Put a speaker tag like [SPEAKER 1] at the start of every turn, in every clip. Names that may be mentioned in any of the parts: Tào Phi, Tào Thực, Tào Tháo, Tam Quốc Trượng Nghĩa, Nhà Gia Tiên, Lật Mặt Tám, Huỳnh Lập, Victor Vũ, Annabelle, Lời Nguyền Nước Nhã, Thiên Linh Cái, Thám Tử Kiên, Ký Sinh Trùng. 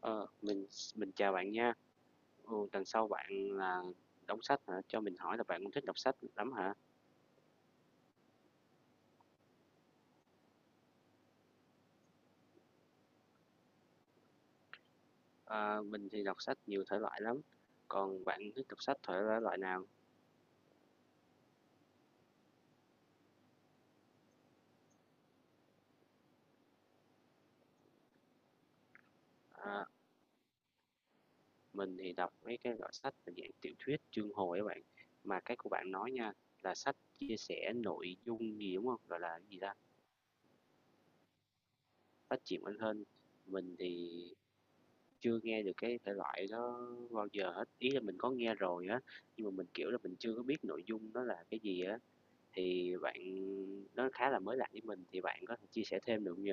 [SPEAKER 1] Ờ, mình mình chào bạn nha. Ừ, lần sau bạn là đọc sách hả? Cho mình hỏi là bạn cũng thích đọc sách lắm hả? Ờ, mình thì đọc sách nhiều thể loại lắm. Còn bạn thích đọc sách thể loại nào? Ờ, mình thì đọc mấy cái loại sách là dạng tiểu thuyết, chương hồi á bạn. Mà cái của bạn nói nha, là sách chia sẻ nội dung gì đúng không? Gọi là cái gì ta? Sách truyện Anh Hên. Mình thì chưa nghe được cái thể loại đó bao giờ hết. Ý là mình có nghe rồi á, nhưng mà mình kiểu là mình chưa có biết nội dung nó là cái gì á. Thì bạn Nó khá là mới lạ với mình, thì bạn có thể chia sẻ thêm được không nhỉ?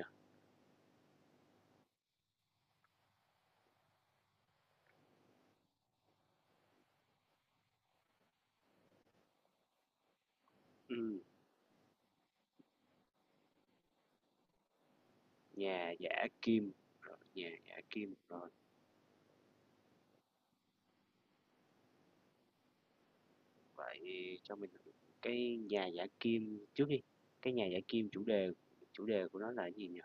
[SPEAKER 1] Ừm, Nhà giả kim, nhà giả kim, rồi. Vậy cho mình cái nhà giả kim trước đi. Cái nhà giả kim chủ đề của nó là cái gì nhỉ?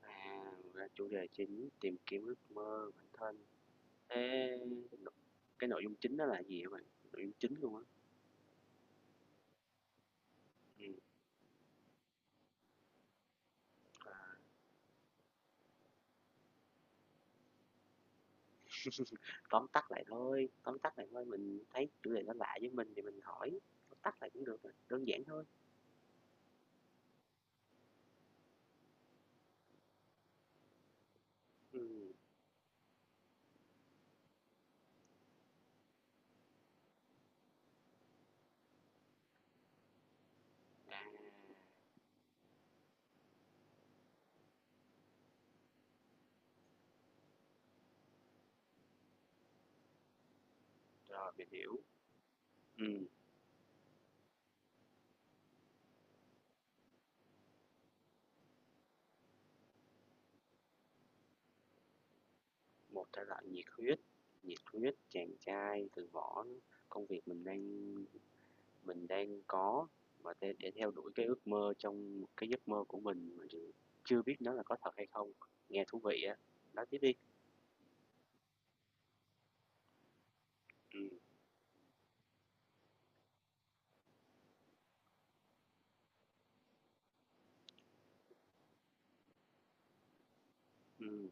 [SPEAKER 1] À, ra chủ đề chính tìm kiếm ước mơ bản thân. Thế cái nội dung chính đó là gì hả bạn? Nội dung chính luôn á? Ừm, Tóm tắt lại thôi, tóm tắt lại thôi, mình thấy chủ đề nó lạ với mình thì mình hỏi, tóm tắt lại cũng được mà, đơn giản thôi. Ừm, rồi, mình hiểu. Ừm, Một thể loại nhiệt huyết chàng trai từ bỏ công việc mình đang có và để theo đuổi cái ước mơ trong cái giấc mơ của mình mà chưa chưa biết nó là có thật hay không. Nghe thú vị á, nói tiếp đi. Ừm, ừm,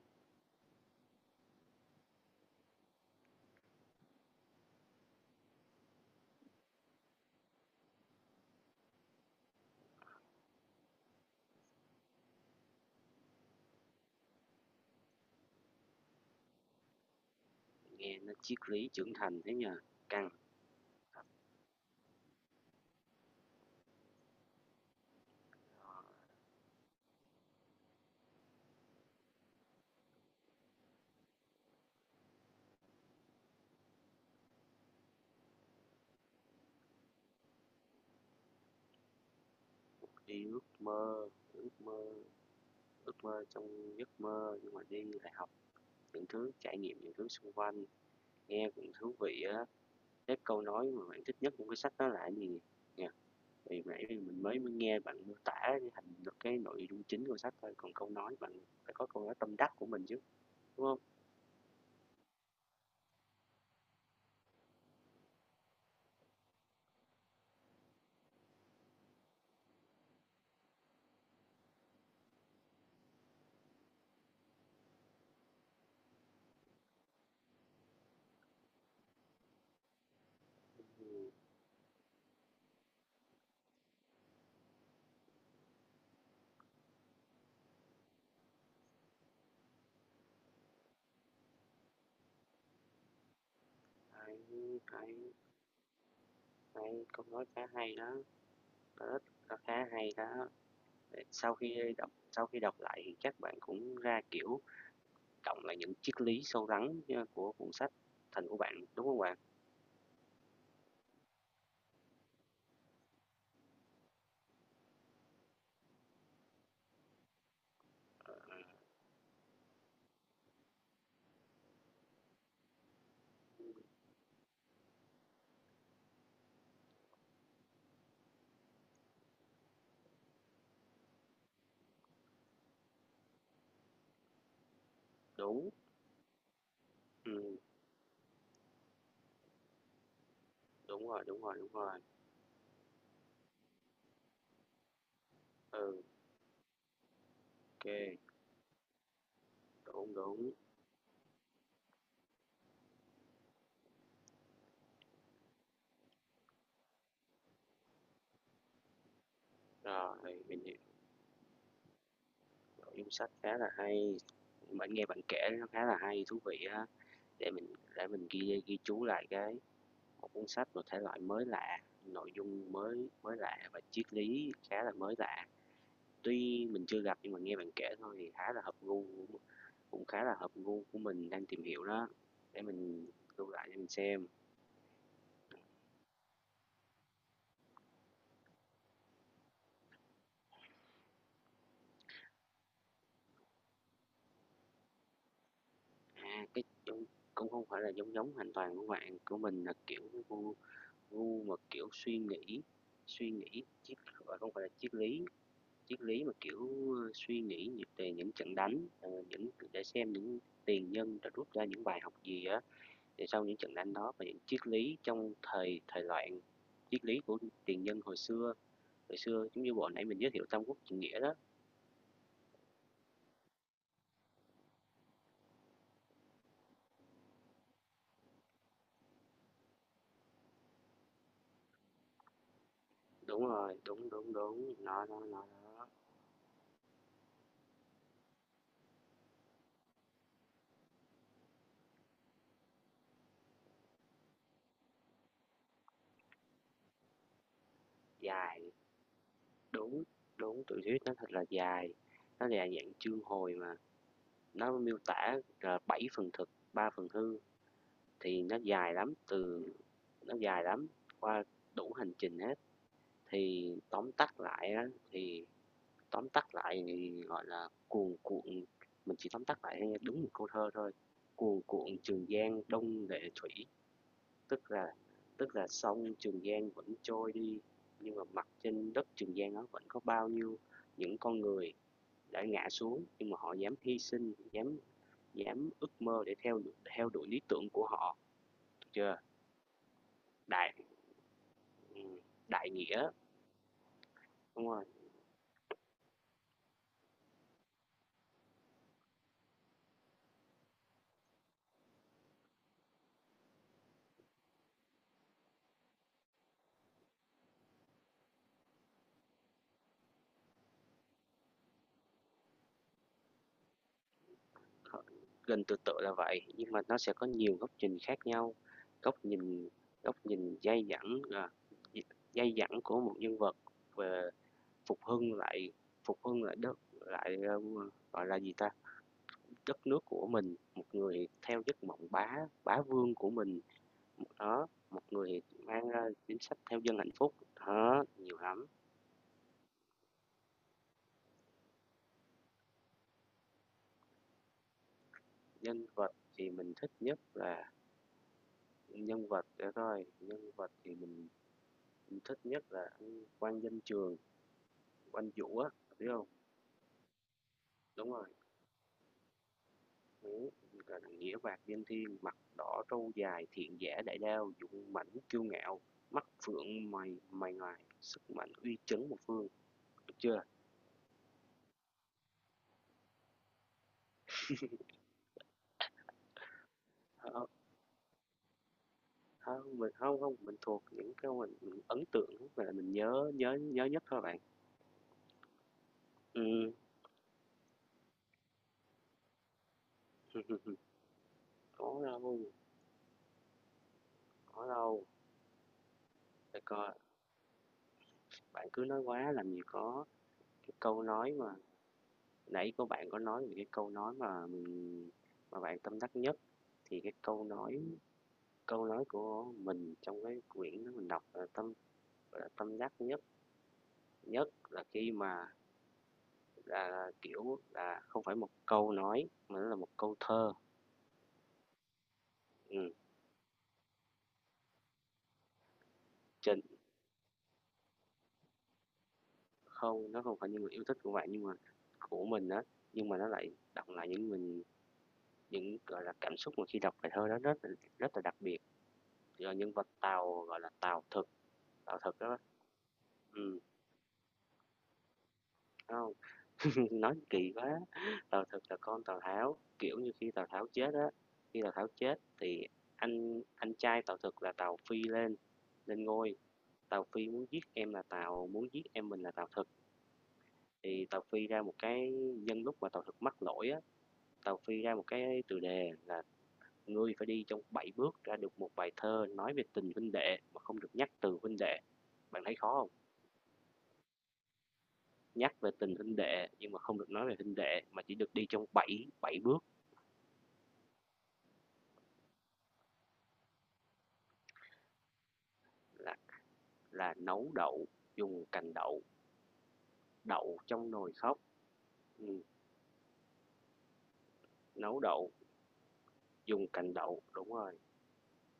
[SPEAKER 1] Nghe nó triết lý trưởng thành thế nhờ, căng. Đi ước mơ, ước mơ, ước mơ trong giấc mơ nhưng mà đi lại học những thứ, trải nghiệm những thứ xung quanh, nghe cũng thú vị á. Cái câu nói mà bạn thích nhất trong cái sách đó là cái gì nhỉ? Thì nãy mình mới mới nghe bạn mô tả thành được cái nội dung chính của sách thôi, còn câu nói bạn phải có câu nói tâm đắc của mình chứ, đúng không? Hay, hay, hay, câu nói khá hay đó, nó khá hay đó. Sau khi đọc lại thì chắc bạn cũng ra, kiểu, cộng lại những triết lý sâu rắn của cuốn sách thành của bạn, đúng không bạn? Đúng, ừm, đúng rồi, đúng rồi, đúng rồi. Ừ, OK, đúng, đúng. Rồi, nội dung sách khá là hay, bạn nghe bạn kể nó khá là hay, thú vị á. Để mình để mình ghi ghi chú lại cái một cuốn sách một thể loại mới lạ, nội dung mới mới lạ và triết lý khá là mới lạ. Tuy mình chưa gặp nhưng mà nghe bạn kể thôi thì khá là hợp gu cũng khá là hợp gu của mình đang tìm hiểu đó. Để mình lưu lại để mình xem. À, cái cũng không phải là giống giống hoàn toàn của bạn, của mình là kiểu gu gu mà kiểu suy nghĩ triết không phải là triết lý. Triết lý mà, kiểu, suy nghĩ về những trận đánh, những để xem những tiền nhân đã rút ra những bài học gì á, để sau những trận đánh đó và những triết lý trong thời thời loạn, triết lý của tiền nhân hồi xưa. Hồi xưa giống như bọn nãy mình giới thiệu Tam Quốc Trượng Nghĩa đó. Đúng rồi, đúng, đúng, đúng, nó dài, đúng, đúng, tiểu thuyết nó thật là dài, nó là dạng chương hồi mà, nó miêu tả, 7 phần thực, 3 phần hư. Thì nó dài lắm qua đủ hành trình hết. Thì tóm tắt lại á, thì tóm tắt lại thì gọi là cuồn cuộn, mình chỉ tóm tắt lại đúng một câu thơ thôi: cuồn cuộn Trường Giang đông lệ thủy, tức là tức là sông Trường Giang vẫn trôi đi, nhưng mà mặt trên đất Trường Giang đó vẫn có bao nhiêu những con người đã ngã xuống, nhưng mà họ dám hy sinh, dám dám ước mơ để theo theo đuổi lý tưởng của họ. Được chưa? Đại. Ừm, đại nghĩa, đúng rồi. h Gần tương tự là vậy, nhưng mà nó sẽ có nhiều góc nhìn khác nhau, góc nhìn góc nhìn dai dẳng, à, d dai dẳng của một nhân vật về phục hưng lại phục hưng lại đất lại, gọi là gì ta, đất nước của mình, một người theo giấc mộng bá bá vương của mình, đó, một người mang ra chính sách theo dân hạnh phúc, đó, nhiều lắm. Nhân vật thì mình thích nhất là nhân vật để coi. Nhân vật thì mình thích nhất là anh quang danh trường, quang vũ á, biết không? Đúng rồi, Huế, là nghĩa vạc danh thiên, mặt đỏ trâu dài, thiện giả đại đao, dũng mãnh kiêu ngạo, mắt phượng mày mày ngoài, sức mạnh uy chấn một phương, được chưa? Hông, hông, mình không không mình thuộc những cái mình ấn tượng và mình nhớ nhớ nhớ nhất thôi bạn. Ừm, có đâu, có đâu, để coi, bạn cứ nói quá làm gì có. Cái câu nói mà nãy có bạn có nói về cái câu nói mà bạn tâm đắc nhất, thì cái câu nói của mình trong cái quyển đó mình đọc là tâm đắc nhất nhất, là khi mà là kiểu là không phải một câu nói mà nó là một câu thơ ừ. trên Không, nó không phải những người yêu thích của bạn nhưng mà của mình á, nhưng mà nó lại đọc lại những gọi là cảm xúc mà khi đọc bài thơ đó rất rất là đặc biệt, do nhân vật Tào gọi là tàu thực, tàu thực đó ừ. Đúng không? Nói kỳ quá, thực là con Tào Tháo, kiểu như, khi Tào Tháo chết thì anh trai Tào Thực là Tào Phi lên lên ngôi, Tào Phi muốn giết em mình là Tào Thực. Thì Tào Phi ra một cái nhân lúc mà Tào Thực mắc lỗi á, Tào Phi ra một cái từ đề là: ngươi phải đi trong 7 bước ra được một bài thơ nói về tình huynh đệ mà không được nhắc từ huynh đệ. Bạn thấy khó không? Nhắc về tình huynh đệ nhưng mà không được nói về huynh đệ mà chỉ được đi trong 7 7 bước. Là là nấu đậu, dùng cành đậu, đậu trong nồi khóc. ừm, Nấu đậu, dùng cành đậu, đúng rồi.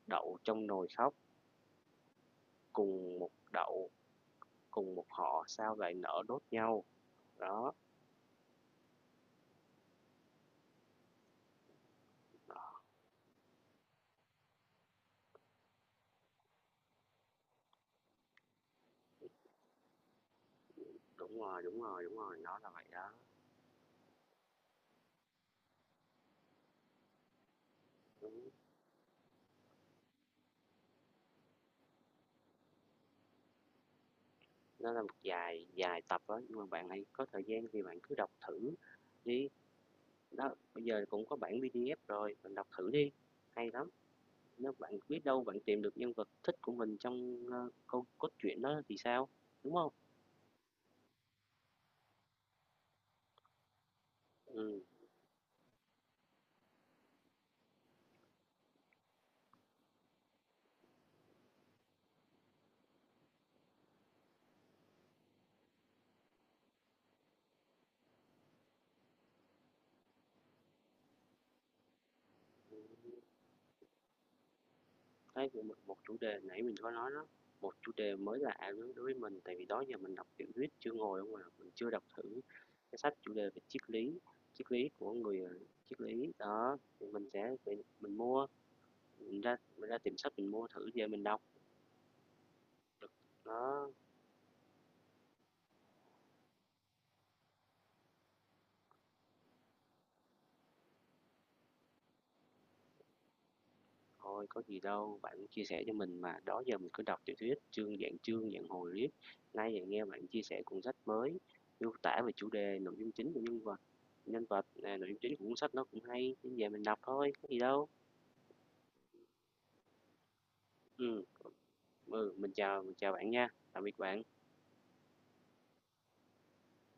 [SPEAKER 1] Đậu trong nồi khóc, cùng một đậu, cùng một họ sao lại nở đốt nhau. Đó, đó đúng rồi, đúng rồi, đúng rồi, nó là vậy đó. Nó là một dài dài tập đó, nhưng mà bạn hãy có thời gian thì bạn cứ đọc thử đi. Đó bây giờ cũng có bản PDF rồi, bạn đọc thử đi, hay lắm. Nếu bạn biết đâu bạn tìm được nhân vật thích của mình trong câu cốt truyện đó thì sao, đúng không ừ. Đấy, một một chủ đề nãy mình có nói đó, một chủ đề mới lạ đối với mình, tại vì đó giờ mình đọc tiểu thuyết chưa ngồi không à, mình chưa đọc thử cái sách chủ đề về triết lý của người triết lý. Đó, thì mình mua, mình ra tìm sách mình mua thử về mình đọc được. Đó. Thôi có gì đâu, bạn chia sẻ cho mình mà, đó giờ mình cứ đọc tiểu thuyết chương, dạng hồi riết. Nay lại nghe bạn chia sẻ cuốn sách mới, miêu tả về chủ đề, nội dung chính của nhân vật, à, nội dung chính của cuốn sách nó cũng hay, nên về mình đọc thôi, có gì đâu. Ừ, ừ, mình chào bạn nha, tạm biệt bạn.